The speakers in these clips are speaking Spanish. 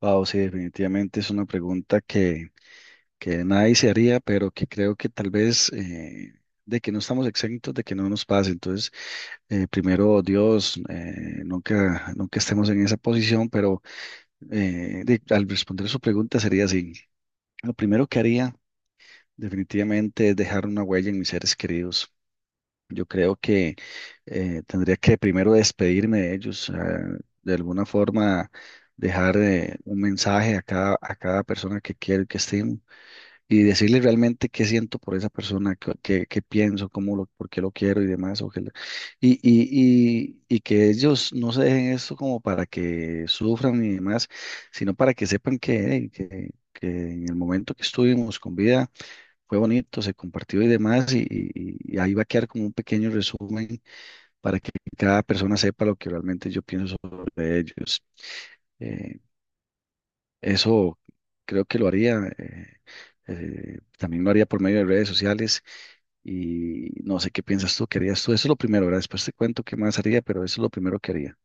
Wow, sí, definitivamente es una pregunta que nadie se haría, pero que creo que tal vez de que no estamos exentos de que no nos pase. Entonces, primero Dios, nunca, nunca estemos en esa posición, pero al responder su pregunta sería así. Lo primero que haría definitivamente es dejar una huella en mis seres queridos. Yo creo que tendría que primero despedirme de ellos, de alguna forma dejar un mensaje a cada persona que quiero y que estimo y decirle realmente qué siento por esa persona, qué pienso, cómo lo, por qué lo quiero y demás. O qué le- y que ellos no se dejen esto como para que sufran y demás, sino para que sepan que en el momento que estuvimos con vida fue bonito, se compartió y demás, y ahí va a quedar como un pequeño resumen para que cada persona sepa lo que realmente yo pienso sobre ellos. Eh, eso creo que lo haría, también lo haría por medio de redes sociales y no sé qué piensas tú, qué harías tú. Eso es lo primero, ¿verdad? Después te cuento qué más haría, pero eso es lo primero que haría.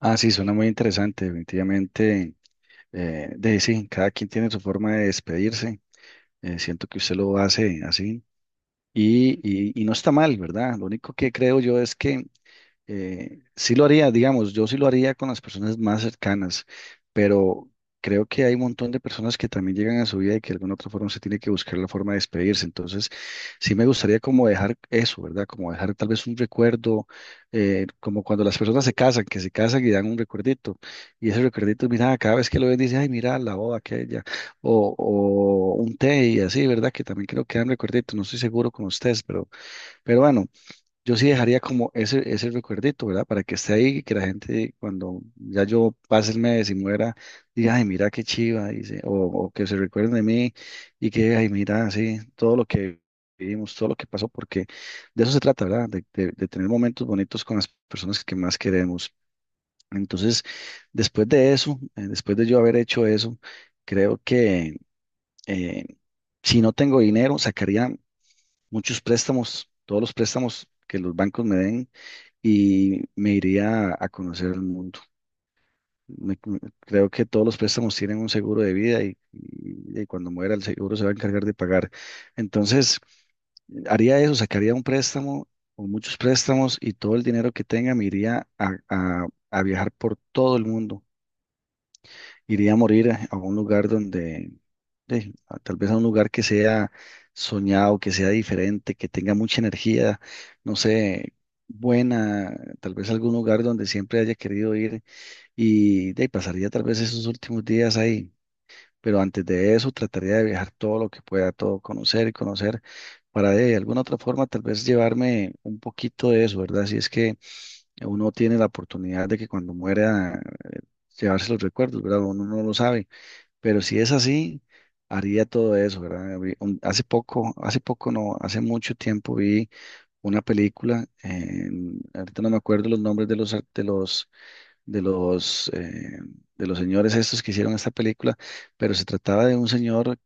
Ah, sí, suena muy interesante, definitivamente. De Sí, cada quien tiene su forma de despedirse. Siento que usted lo hace así. Y no está mal, ¿verdad? Lo único que creo yo es que sí lo haría, digamos, yo sí lo haría con las personas más cercanas, pero creo que hay un montón de personas que también llegan a su vida y que de alguna otra forma se tiene que buscar la forma de despedirse. Entonces, sí me gustaría como dejar eso, ¿verdad? Como dejar tal vez un recuerdo, como cuando las personas se casan, que se casan y dan un recuerdito. Y ese recuerdito, mira, cada vez que lo ven, dice, ay, mira, la boda aquella, o un té y así, ¿verdad? Que también creo que dan recuerditos, no estoy seguro con ustedes, pero bueno. Yo sí dejaría como ese recuerdito, ¿verdad? Para que esté ahí y que la gente cuando ya yo pase el mes y muera, diga, ay, mira qué chiva, dice, o que se recuerden de mí y que, ay, mira, sí, todo lo que vivimos, todo lo que pasó, porque de eso se trata, ¿verdad? De tener momentos bonitos con las personas que más queremos. Entonces, después de eso, después de yo haber hecho eso, creo que eh, si no tengo dinero, sacaría muchos préstamos, todos los préstamos que los bancos me den y me iría a conocer el mundo. Creo que todos los préstamos tienen un seguro de vida y, y cuando muera el seguro se va a encargar de pagar. Entonces, haría eso, sacaría un préstamo o muchos préstamos y todo el dinero que tenga me iría a viajar por todo el mundo, iría a morir a un lugar donde, tal vez a un lugar que sea soñado, que sea diferente, que tenga mucha energía, no sé, buena, tal vez algún lugar donde siempre haya querido ir y de ahí pasaría tal vez esos últimos días ahí. Pero antes de eso trataría de viajar todo lo que pueda, todo conocer y conocer para de alguna otra forma tal vez llevarme un poquito de eso, ¿verdad? Si es que uno tiene la oportunidad de que cuando muera llevarse los recuerdos, ¿verdad? Uno no lo sabe. Pero si es así, haría todo eso, ¿verdad? Hace poco no, hace mucho tiempo vi una película, ahorita no me acuerdo los nombres de los, de los, eh, de los señores estos que hicieron esta película, pero se trataba de un señor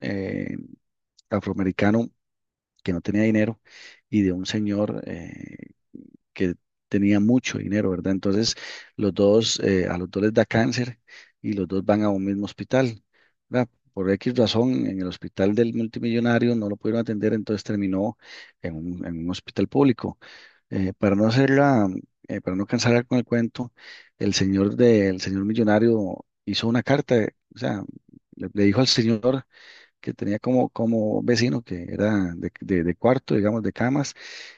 eh, afroamericano que no tenía dinero y de un señor que tenía mucho dinero, ¿verdad? Entonces, los dos, a los dos les da cáncer y los dos van a un mismo hospital, ¿verdad? Por X razón, en el hospital del multimillonario no lo pudieron atender, entonces terminó en un hospital público. Para no hacerla, para no cansar con el cuento, el señor del señor millonario hizo una carta, o sea, le dijo al señor que tenía como, como vecino, que era de cuarto, digamos, de camas,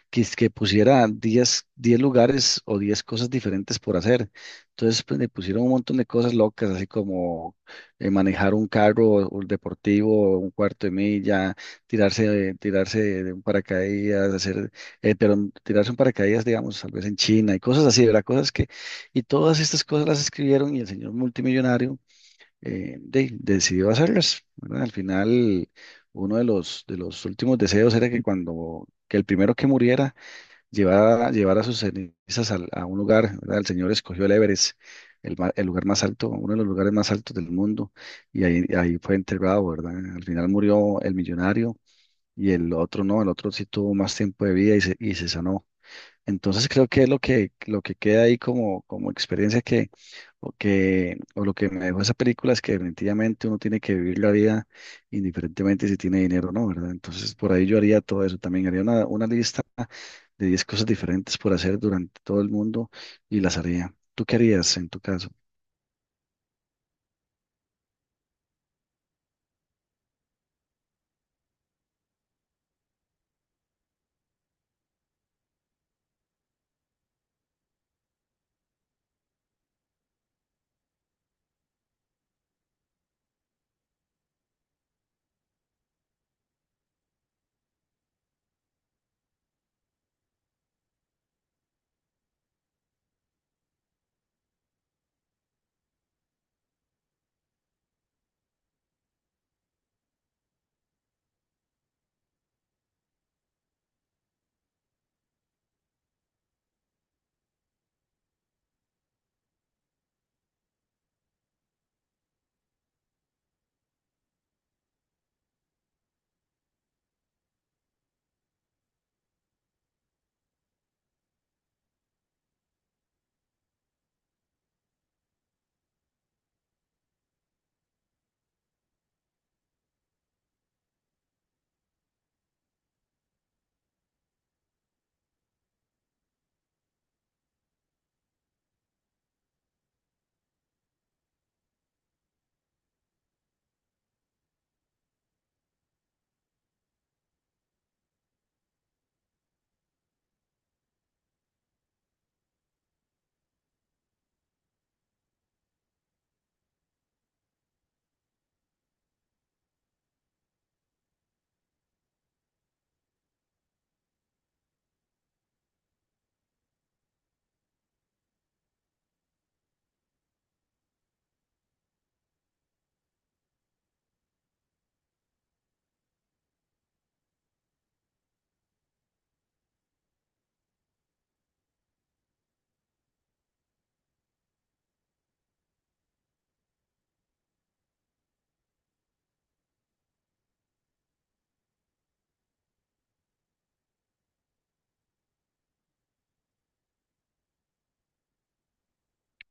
que, es que pusiera diez lugares o 10 cosas diferentes por hacer. Entonces, pues, le pusieron un montón de cosas locas, así como manejar un carro o un deportivo, un cuarto de milla, tirarse, tirarse de un paracaídas, hacer, pero tirarse un paracaídas, digamos, tal vez en China y cosas así, ¿verdad? Cosas que, y todas estas cosas las escribieron y el señor multimillonario decidió hacerlas, ¿verdad? Al final, uno de los, últimos deseos era que que el primero que muriera, llevar a sus cenizas a un lugar, ¿verdad? El Señor escogió el Everest, el lugar más alto, uno de los lugares más altos del mundo, y ahí fue enterrado, ¿verdad? Al final murió el millonario y el otro no, el otro sí tuvo más tiempo de vida y se sanó. Entonces creo que es lo que queda ahí como, como experiencia o lo que me dejó esa película es que definitivamente uno tiene que vivir la vida indiferentemente si tiene dinero o no, ¿verdad? Entonces por ahí yo haría todo eso también, haría una lista de 10 cosas diferentes por hacer durante todo el mundo y las haría. ¿Tú qué harías en tu caso?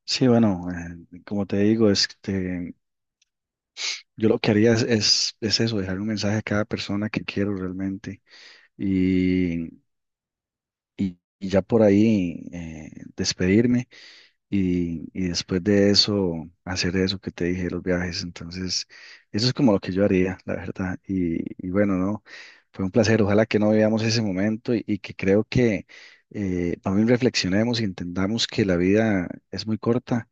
Sí, bueno, como te digo, este, yo lo que haría es eso, dejar un mensaje a cada persona que quiero realmente y ya por ahí despedirme y después de eso hacer eso que te dije, los viajes. Entonces, eso es como lo que yo haría, la verdad. Y bueno, no, fue un placer. Ojalá que no veamos ese momento y que creo que también reflexionemos y entendamos que la vida es muy corta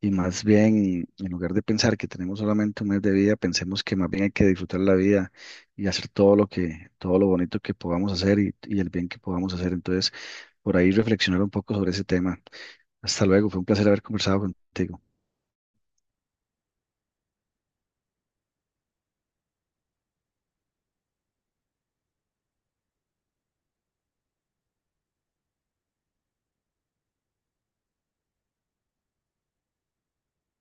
y más bien, en lugar de pensar que tenemos solamente un mes de vida, pensemos que más bien hay que disfrutar la vida y hacer todo lo que, todo lo bonito que podamos hacer y el bien que podamos hacer. Entonces, por ahí reflexionar un poco sobre ese tema. Hasta luego, fue un placer haber conversado contigo.